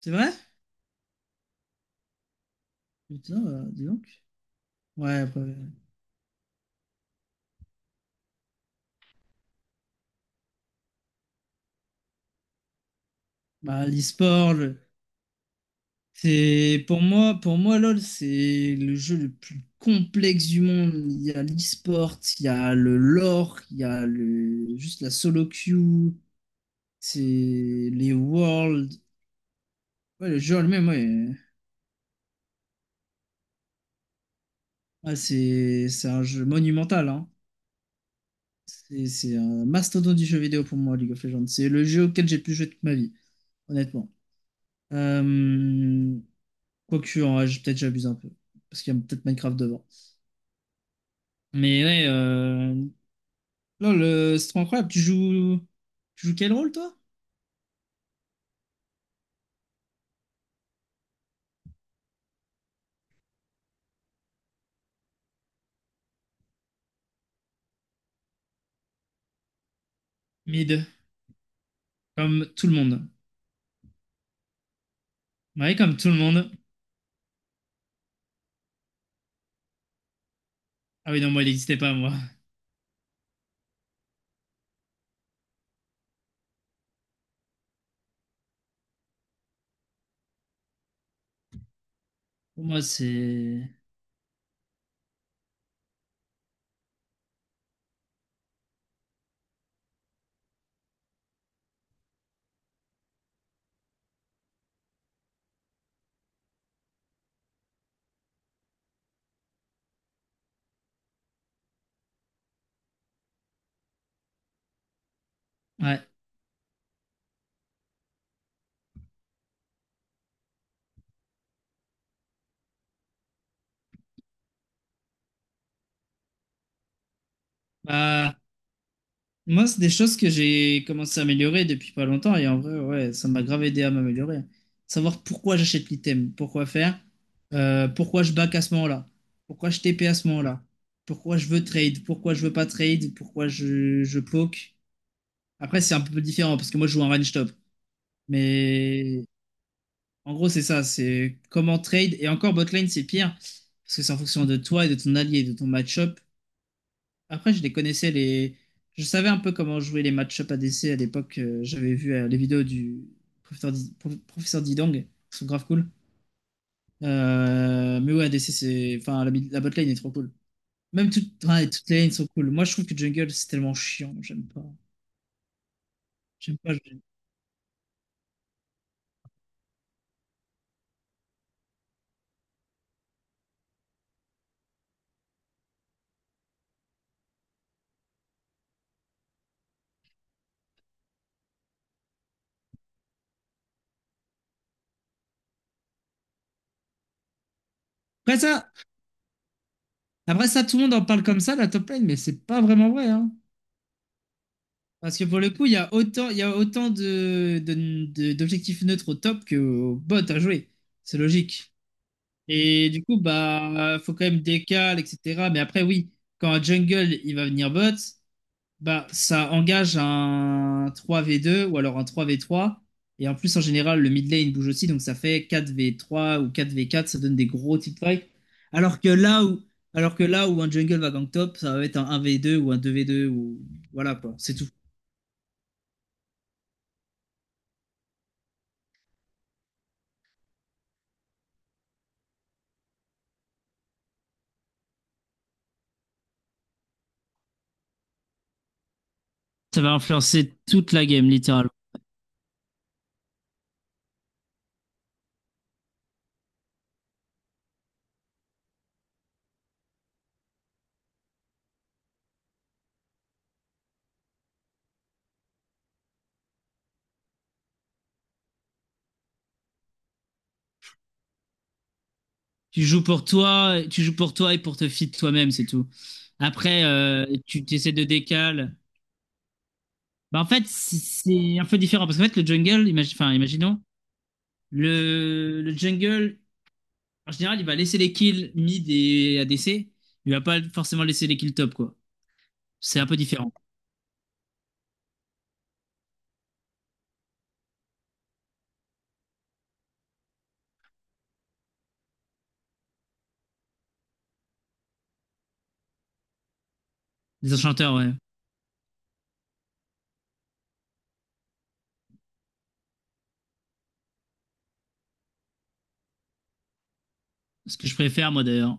C'est vrai? Putain, bah, dis donc. Ouais, après, bah, l'e-sport, c'est pour moi, LoL, c'est le jeu le plus complexe du monde. Il y a l'e-sport, il y a le lore, il y a le juste la solo queue, c'est les worlds. Ouais, le jeu en lui-même, ouais. Ah, c'est un jeu monumental, hein. C'est un mastodonte du jeu vidéo pour moi, League of Legends. C'est le jeu auquel j'ai le plus joué toute ma vie, honnêtement. Euh, Quoique, en vrai, peut-être j'abuse un peu. Parce qu'il y a peut-être Minecraft devant. Mais ouais, lol, c'est trop incroyable. Tu joues quel rôle, toi? Mid. Comme tout le monde. Ouais, comme tout le monde. Ah oui, non, moi, il n'existait pas, moi. Pour moi, c'est. Ouais. Bah, moi, c'est des choses que j'ai commencé à améliorer depuis pas longtemps et en vrai, ouais, ça m'a grave aidé à m'améliorer. Savoir pourquoi j'achète l'item, pourquoi faire, pourquoi je back à ce moment-là, pourquoi je TP à ce moment-là, pourquoi je veux trade, pourquoi je veux pas trade, pourquoi je poke. Après, c'est un peu différent parce que moi, je joue en range top. Mais en gros, c'est ça, c'est comment trade. Et encore, botlane, c'est pire parce que c'est en fonction de toi et de ton allié, de ton match-up. Après, je les connaissais les. Je savais un peu comment jouer les match-up ADC à l'époque. J'avais vu les vidéos du professeur Didong, qui sont grave cool. Mais ouais, ADC, c'est. Enfin, la bot lane est trop cool. Même ouais, toutes les lanes sont cool. Moi, je trouve que jungle, c'est tellement chiant. J'aime pas. J'aime pas. Après ça, après ça, tout le monde en parle comme ça, la top lane, mais c'est pas vraiment vrai, hein. Parce que pour le coup, il y a autant de, d'objectifs neutres au top qu'au bot à jouer. C'est logique. Et du coup, bah, faut quand même décal, etc. Mais après, oui, quand un jungle, il va venir bot, bah, ça engage un 3v2 ou alors un 3v3. Et en plus, en général, le mid lane bouge aussi, donc ça fait 4v3 ou 4v4, ça donne des gros tick fights. Alors que là où, alors que là où un jungle va gank top, ça va être un 1v2 ou un 2v2 ou, voilà, quoi, c'est tout. Ça va influencer toute la game. Tu joues pour toi, tu joues pour toi et pour te fit toi-même, c'est tout. Après, tu essaies de décale. Bah, en fait, c'est un peu différent parce qu'en fait, le jungle, enfin, imaginons, le jungle, en général, il va laisser les kills mid et ADC. Il va pas forcément laisser les kills top, quoi. C'est un peu différent. Les enchanteurs, ouais. Ce que je préfère, moi, d'ailleurs.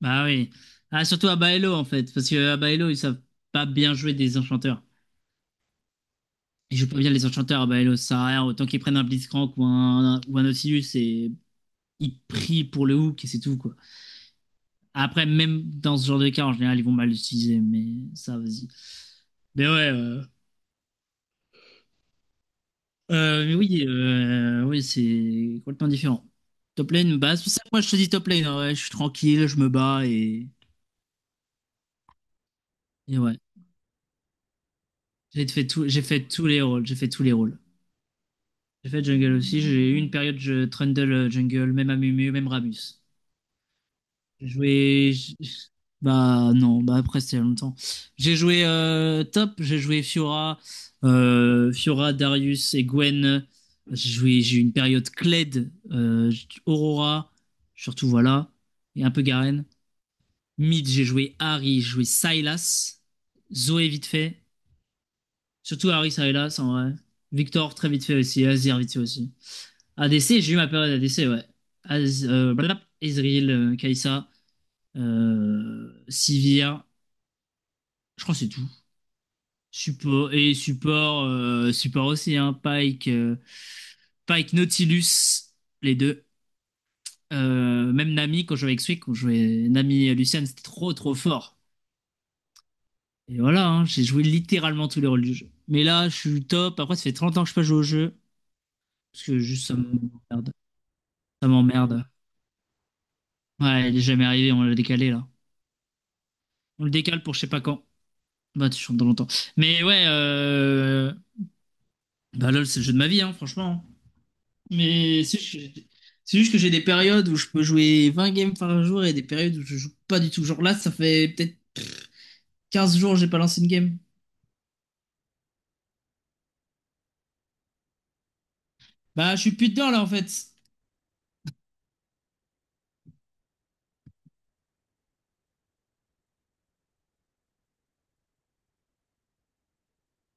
Bah oui. Ah, surtout à Baello, en fait. Parce que à Baello, ils savent pas bien jouer des enchanteurs. Ils jouent pas bien les enchanteurs. Bah, le rien. Autant qu'ils prennent un Blitzcrank ou un Nautilus et ils prient pour le hook et c'est tout, quoi. Après, même dans ce genre de cas, en général, ils vont mal l'utiliser, mais ça, vas-y. Mais ouais, mais oui, oui c'est complètement différent. Top lane, bah, c'est pour ça que moi je te dis top lane, hein, ouais, je suis tranquille, je me bats et ouais. J'ai fait tous les rôles. J'ai fait tous les rôles. J'ai fait jungle aussi. J'ai eu une période, je trundle jungle, même Amumu, même Ramus. J'ai joué. Bah non, bah après c'était il y a longtemps. J'ai joué Top, j'ai joué Fiora, Darius et Gwen. J'ai eu une période Kled, Aurora, surtout voilà, et un peu Garen. Mid, j'ai joué Harry, j'ai joué Sylas, Zoé vite fait, surtout Harry Sylas en vrai. Victor très vite fait aussi, Azir vite fait aussi. ADC, j'ai eu ma période ADC, ouais. Blablabla, Ezreal, Kaisa Sivir, je crois que c'est tout. Support aussi, hein, Pike, Nautilus, les deux. Même Nami, quand je jouais avec Swick, quand je jouais Nami et Lucian, c'était trop trop fort. Et voilà, hein, j'ai joué littéralement tous les rôles du jeu. Mais là, je suis top. Après, ça fait 30 ans que je peux jouer au jeu. Parce que juste, ça m'emmerde. Ça m'emmerde. Ouais, il est jamais arrivé, on l'a décalé là. On le décale pour je sais pas quand. Bah, tu chantes dans longtemps. Mais ouais, bah LOL, c'est le jeu de ma vie, hein, franchement. Mais c'est juste que j'ai des périodes où je peux jouer 20 games par jour et des périodes où je joue pas du tout. Genre là, ça fait peut-être 15 jours que j'ai pas lancé une game. Bah, je suis plus dedans là en fait.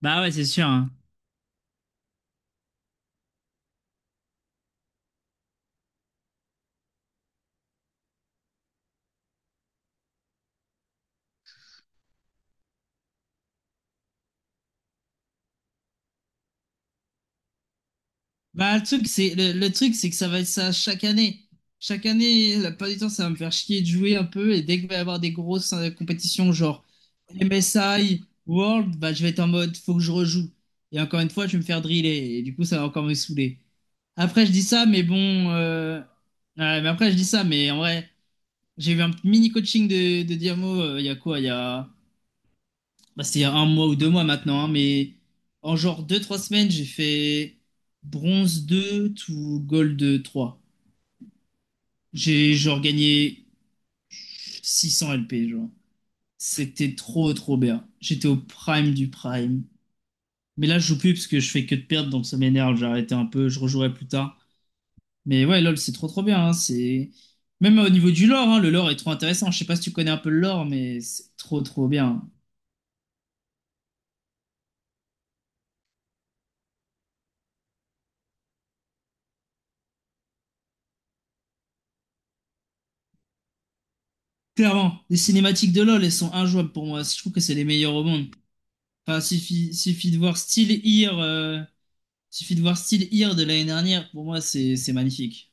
Bah ouais, c'est sûr. Bah, le truc, c'est le truc, c'est que ça va être ça chaque année. Chaque année, la plupart du temps, ça va me faire chier de jouer un peu. Et dès qu'il va y avoir des grosses compétitions, genre MSI, World, bah, je vais être en mode, faut que je rejoue. Et encore une fois, je vais me faire driller. Et du coup, ça va encore me saouler. Après, je dis ça, mais bon, ouais, mais après, je dis ça, mais en vrai, j'ai eu un mini coaching de, Diamo, il y a quoi? Il y a. Bah, c'était il y a 1 mois ou 2 mois maintenant, hein, mais en genre 2, 3 semaines, j'ai fait bronze 2 to gold 3. J'ai genre gagné 600 LP, genre. C'était trop, trop bien. J'étais au prime du prime. Mais là, je joue plus parce que je fais que de perdre, donc ça m'énerve. J'ai arrêté un peu, je rejouerai plus tard. Mais ouais, LoL, c'est trop, trop bien, hein. C'est Même au niveau du lore, hein, le lore est trop intéressant. Je sais pas si tu connais un peu le lore, mais c'est trop, trop bien. Clairement, les cinématiques de LoL, elles sont injouables pour moi. Je trouve que c'est les meilleures au monde. Enfin, suffit de voir Still Here de l'année dernière. Pour moi, c'est magnifique.